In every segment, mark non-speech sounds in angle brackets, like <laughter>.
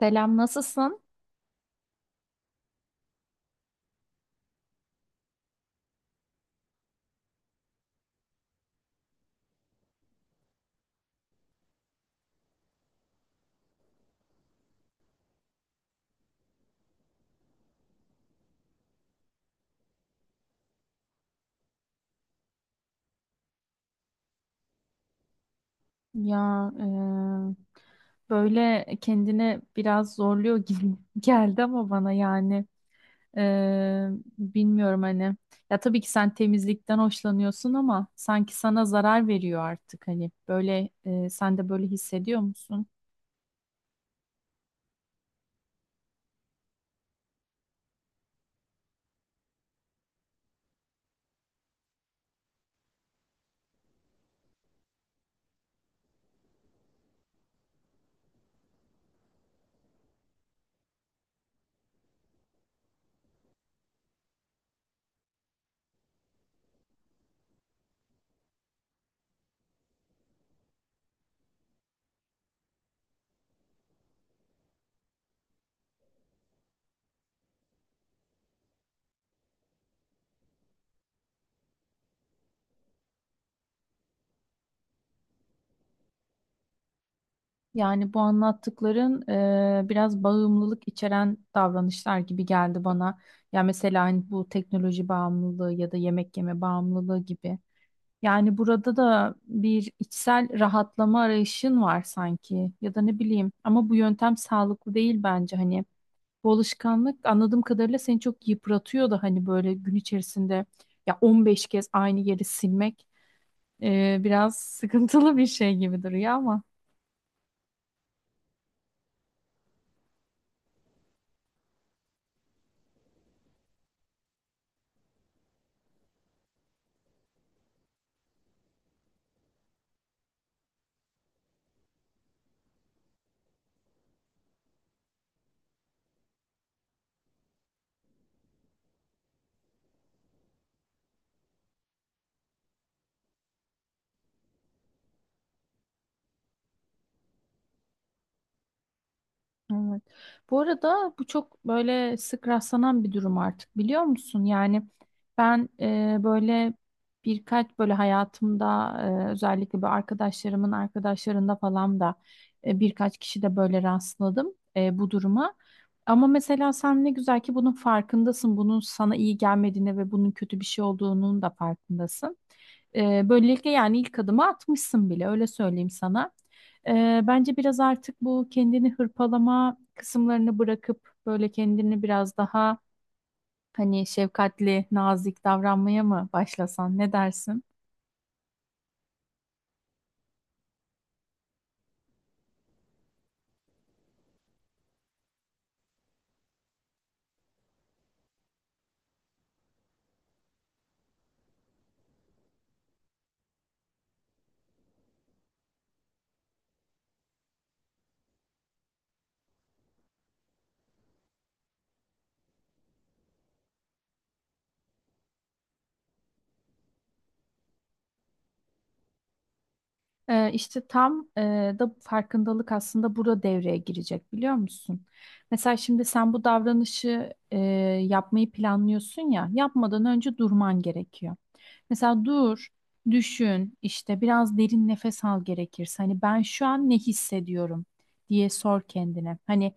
Selam, nasılsın? Ya böyle kendini biraz zorluyor gibi <laughs> geldi ama bana yani e, bilmiyorum hani. Ya tabii ki sen temizlikten hoşlanıyorsun ama sanki sana zarar veriyor artık hani böyle sen de böyle hissediyor musun? Yani bu anlattıkların biraz bağımlılık içeren davranışlar gibi geldi bana. Ya mesela hani bu teknoloji bağımlılığı ya da yemek yeme bağımlılığı gibi. Yani burada da bir içsel rahatlama arayışın var sanki ya da ne bileyim ama bu yöntem sağlıklı değil bence hani bu alışkanlık anladığım kadarıyla seni çok yıpratıyor da hani böyle gün içerisinde ya 15 kez aynı yeri silmek biraz <laughs> sıkıntılı bir şey gibi duruyor ama. Evet. Bu arada bu çok böyle sık rastlanan bir durum artık biliyor musun? Yani ben böyle birkaç böyle hayatımda özellikle bir arkadaşlarımın arkadaşlarında falan da birkaç kişi de böyle rastladım bu duruma. Ama mesela sen ne güzel ki bunun farkındasın. Bunun sana iyi gelmediğine ve bunun kötü bir şey olduğunun da farkındasın. Böylelikle yani ilk adımı atmışsın bile öyle söyleyeyim sana. Bence biraz artık bu kendini hırpalama kısımlarını bırakıp böyle kendini biraz daha hani şefkatli, nazik davranmaya mı başlasan? Ne dersin? İşte tam da farkındalık aslında burada devreye girecek biliyor musun? Mesela şimdi sen bu davranışı yapmayı planlıyorsun ya, yapmadan önce durman gerekiyor. Mesela dur, düşün, işte biraz derin nefes al gerekirse. Hani ben şu an ne hissediyorum diye sor kendine. Hani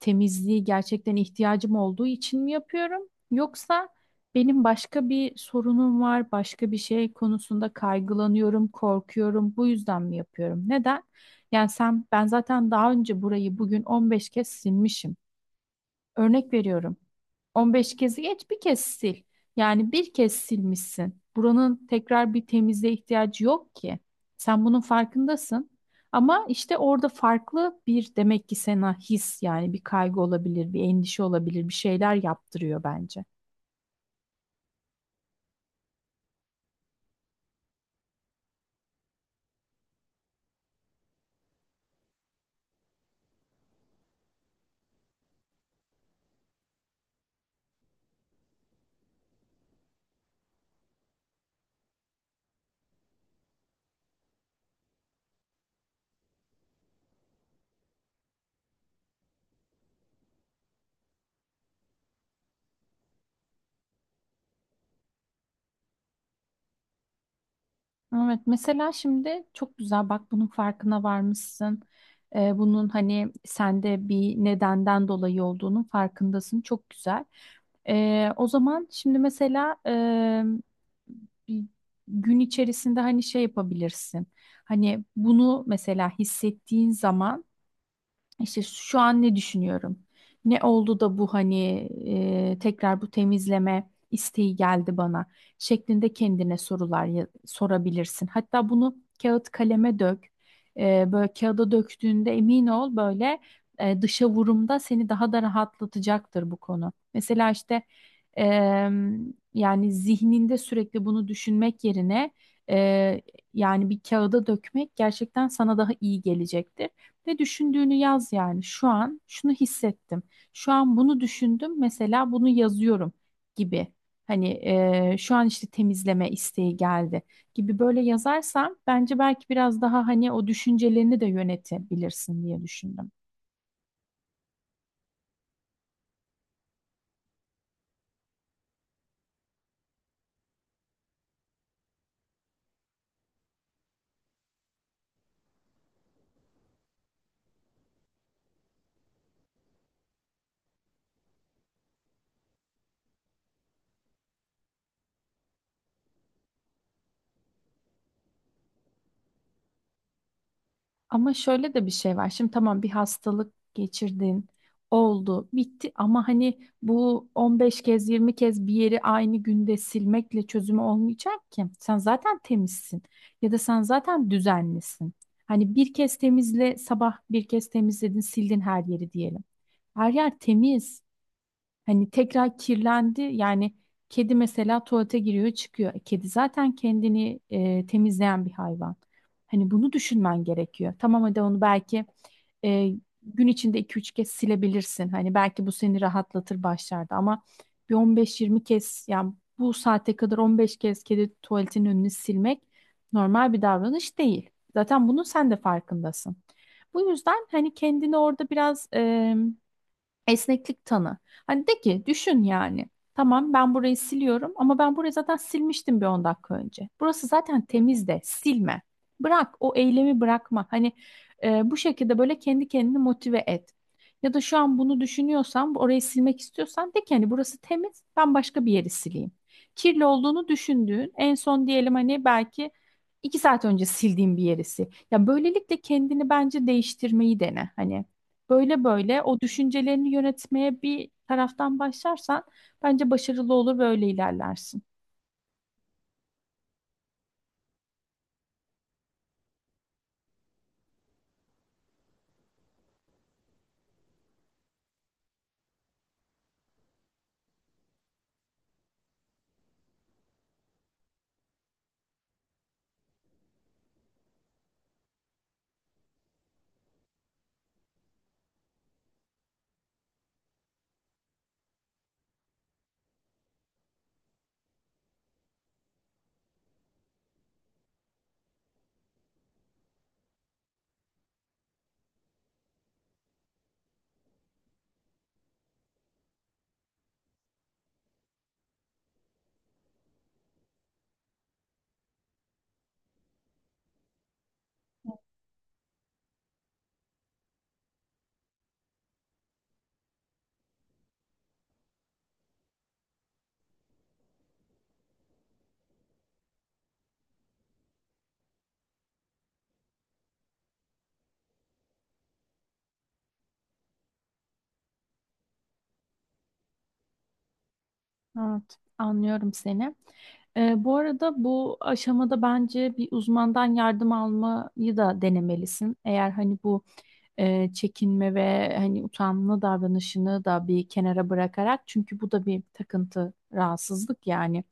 temizliği gerçekten ihtiyacım olduğu için mi yapıyorum? Yoksa benim başka bir sorunum var, başka bir şey konusunda kaygılanıyorum, korkuyorum. Bu yüzden mi yapıyorum? Neden? Yani sen, ben zaten daha önce burayı bugün 15 kez silmişim. Örnek veriyorum. 15 kezi geç bir kez sil. Yani bir kez silmişsin. Buranın tekrar bir temizliğe ihtiyacı yok ki. Sen bunun farkındasın. Ama işte orada farklı bir demek ki sana his yani bir kaygı olabilir, bir endişe olabilir, bir şeyler yaptırıyor bence. Evet, mesela şimdi çok güzel bak bunun farkına varmışsın. Bunun hani sende bir nedenden dolayı olduğunun farkındasın. Çok güzel. O zaman şimdi mesela bir gün içerisinde hani şey yapabilirsin. Hani bunu mesela hissettiğin zaman işte şu an ne düşünüyorum? Ne oldu da bu hani tekrar bu temizleme isteği geldi bana şeklinde kendine sorular sorabilirsin. Hatta bunu kağıt kaleme dök. Böyle kağıda döktüğünde emin ol böyle dışa vurumda seni daha da rahatlatacaktır bu konu. Mesela işte e, yani zihninde sürekli bunu düşünmek yerine e, yani bir kağıda dökmek gerçekten sana daha iyi gelecektir. Ne düşündüğünü yaz yani. Şu an şunu hissettim. Şu an bunu düşündüm. Mesela bunu yazıyorum gibi. Hani şu an işte temizleme isteği geldi gibi böyle yazarsam bence belki biraz daha hani o düşüncelerini de yönetebilirsin diye düşündüm. Ama şöyle de bir şey var. Şimdi tamam bir hastalık geçirdin, oldu, bitti ama hani bu 15 kez 20 kez bir yeri aynı günde silmekle çözümü olmayacak ki. Sen zaten temizsin ya da sen zaten düzenlisin. Hani bir kez temizle sabah bir kez temizledin, sildin her yeri diyelim. Her yer temiz. Hani tekrar kirlendi yani kedi mesela tuvalete giriyor çıkıyor. Kedi zaten kendini temizleyen bir hayvan. Hani bunu düşünmen gerekiyor. Tamam hadi onu belki e, gün içinde iki üç kez silebilirsin. Hani belki bu seni rahatlatır başlarda ama bir 15-20 kez yani bu saate kadar 15 kez kedi tuvaletinin önünü silmek normal bir davranış değil. Zaten bunun sen de farkındasın. Bu yüzden hani kendini orada biraz esneklik tanı. Hani de ki düşün yani. Tamam ben burayı siliyorum ama ben burayı zaten silmiştim bir 10 dakika önce. Burası zaten temiz de silme. Bırak o eylemi bırakma. Hani bu şekilde böyle kendi kendini motive et. Ya da şu an bunu düşünüyorsan orayı silmek istiyorsan de ki hani burası temiz ben başka bir yeri sileyim. Kirli olduğunu düşündüğün en son diyelim hani belki 2 saat önce sildiğin bir yerisi. Ya böylelikle kendini bence değiştirmeyi dene. Hani böyle böyle o düşüncelerini yönetmeye bir taraftan başlarsan bence başarılı olur ve öyle ilerlersin. Evet, anlıyorum seni. Bu arada bu aşamada bence bir uzmandan yardım almayı da denemelisin. Eğer hani bu çekinme ve hani utanma davranışını da bir kenara bırakarak çünkü bu da bir takıntı, rahatsızlık yani.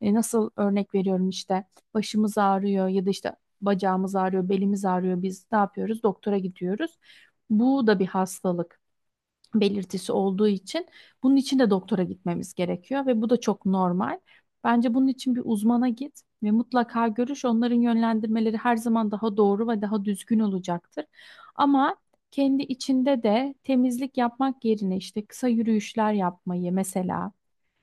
Nasıl örnek veriyorum işte başımız ağrıyor ya da işte bacağımız ağrıyor, belimiz ağrıyor. Biz ne yapıyoruz? Doktora gidiyoruz. Bu da bir hastalık belirtisi olduğu için bunun için de doktora gitmemiz gerekiyor ve bu da çok normal. Bence bunun için bir uzmana git ve mutlaka görüş. Onların yönlendirmeleri her zaman daha doğru ve daha düzgün olacaktır. Ama kendi içinde de temizlik yapmak yerine işte kısa yürüyüşler yapmayı mesela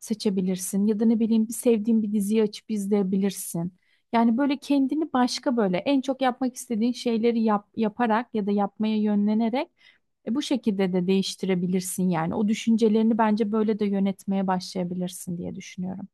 seçebilirsin ya da ne bileyim bir sevdiğin bir diziyi açıp izleyebilirsin. Yani böyle kendini başka böyle en çok yapmak istediğin şeyleri yap, yaparak ya da yapmaya yönlenerek bu şekilde de değiştirebilirsin yani. O düşüncelerini bence böyle de yönetmeye başlayabilirsin diye düşünüyorum.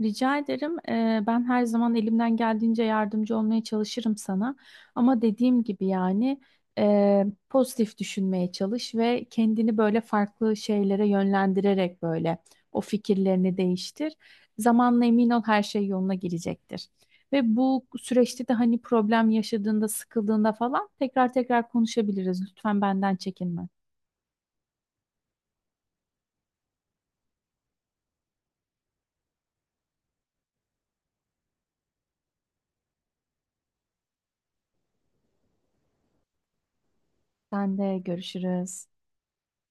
Rica ederim. Ben her zaman elimden geldiğince yardımcı olmaya çalışırım sana. Ama dediğim gibi yani pozitif düşünmeye çalış ve kendini böyle farklı şeylere yönlendirerek böyle o fikirlerini değiştir. Zamanla emin ol her şey yoluna girecektir. Ve bu süreçte de hani problem yaşadığında, sıkıldığında falan tekrar tekrar konuşabiliriz. Lütfen benden çekinme. Sen de görüşürüz.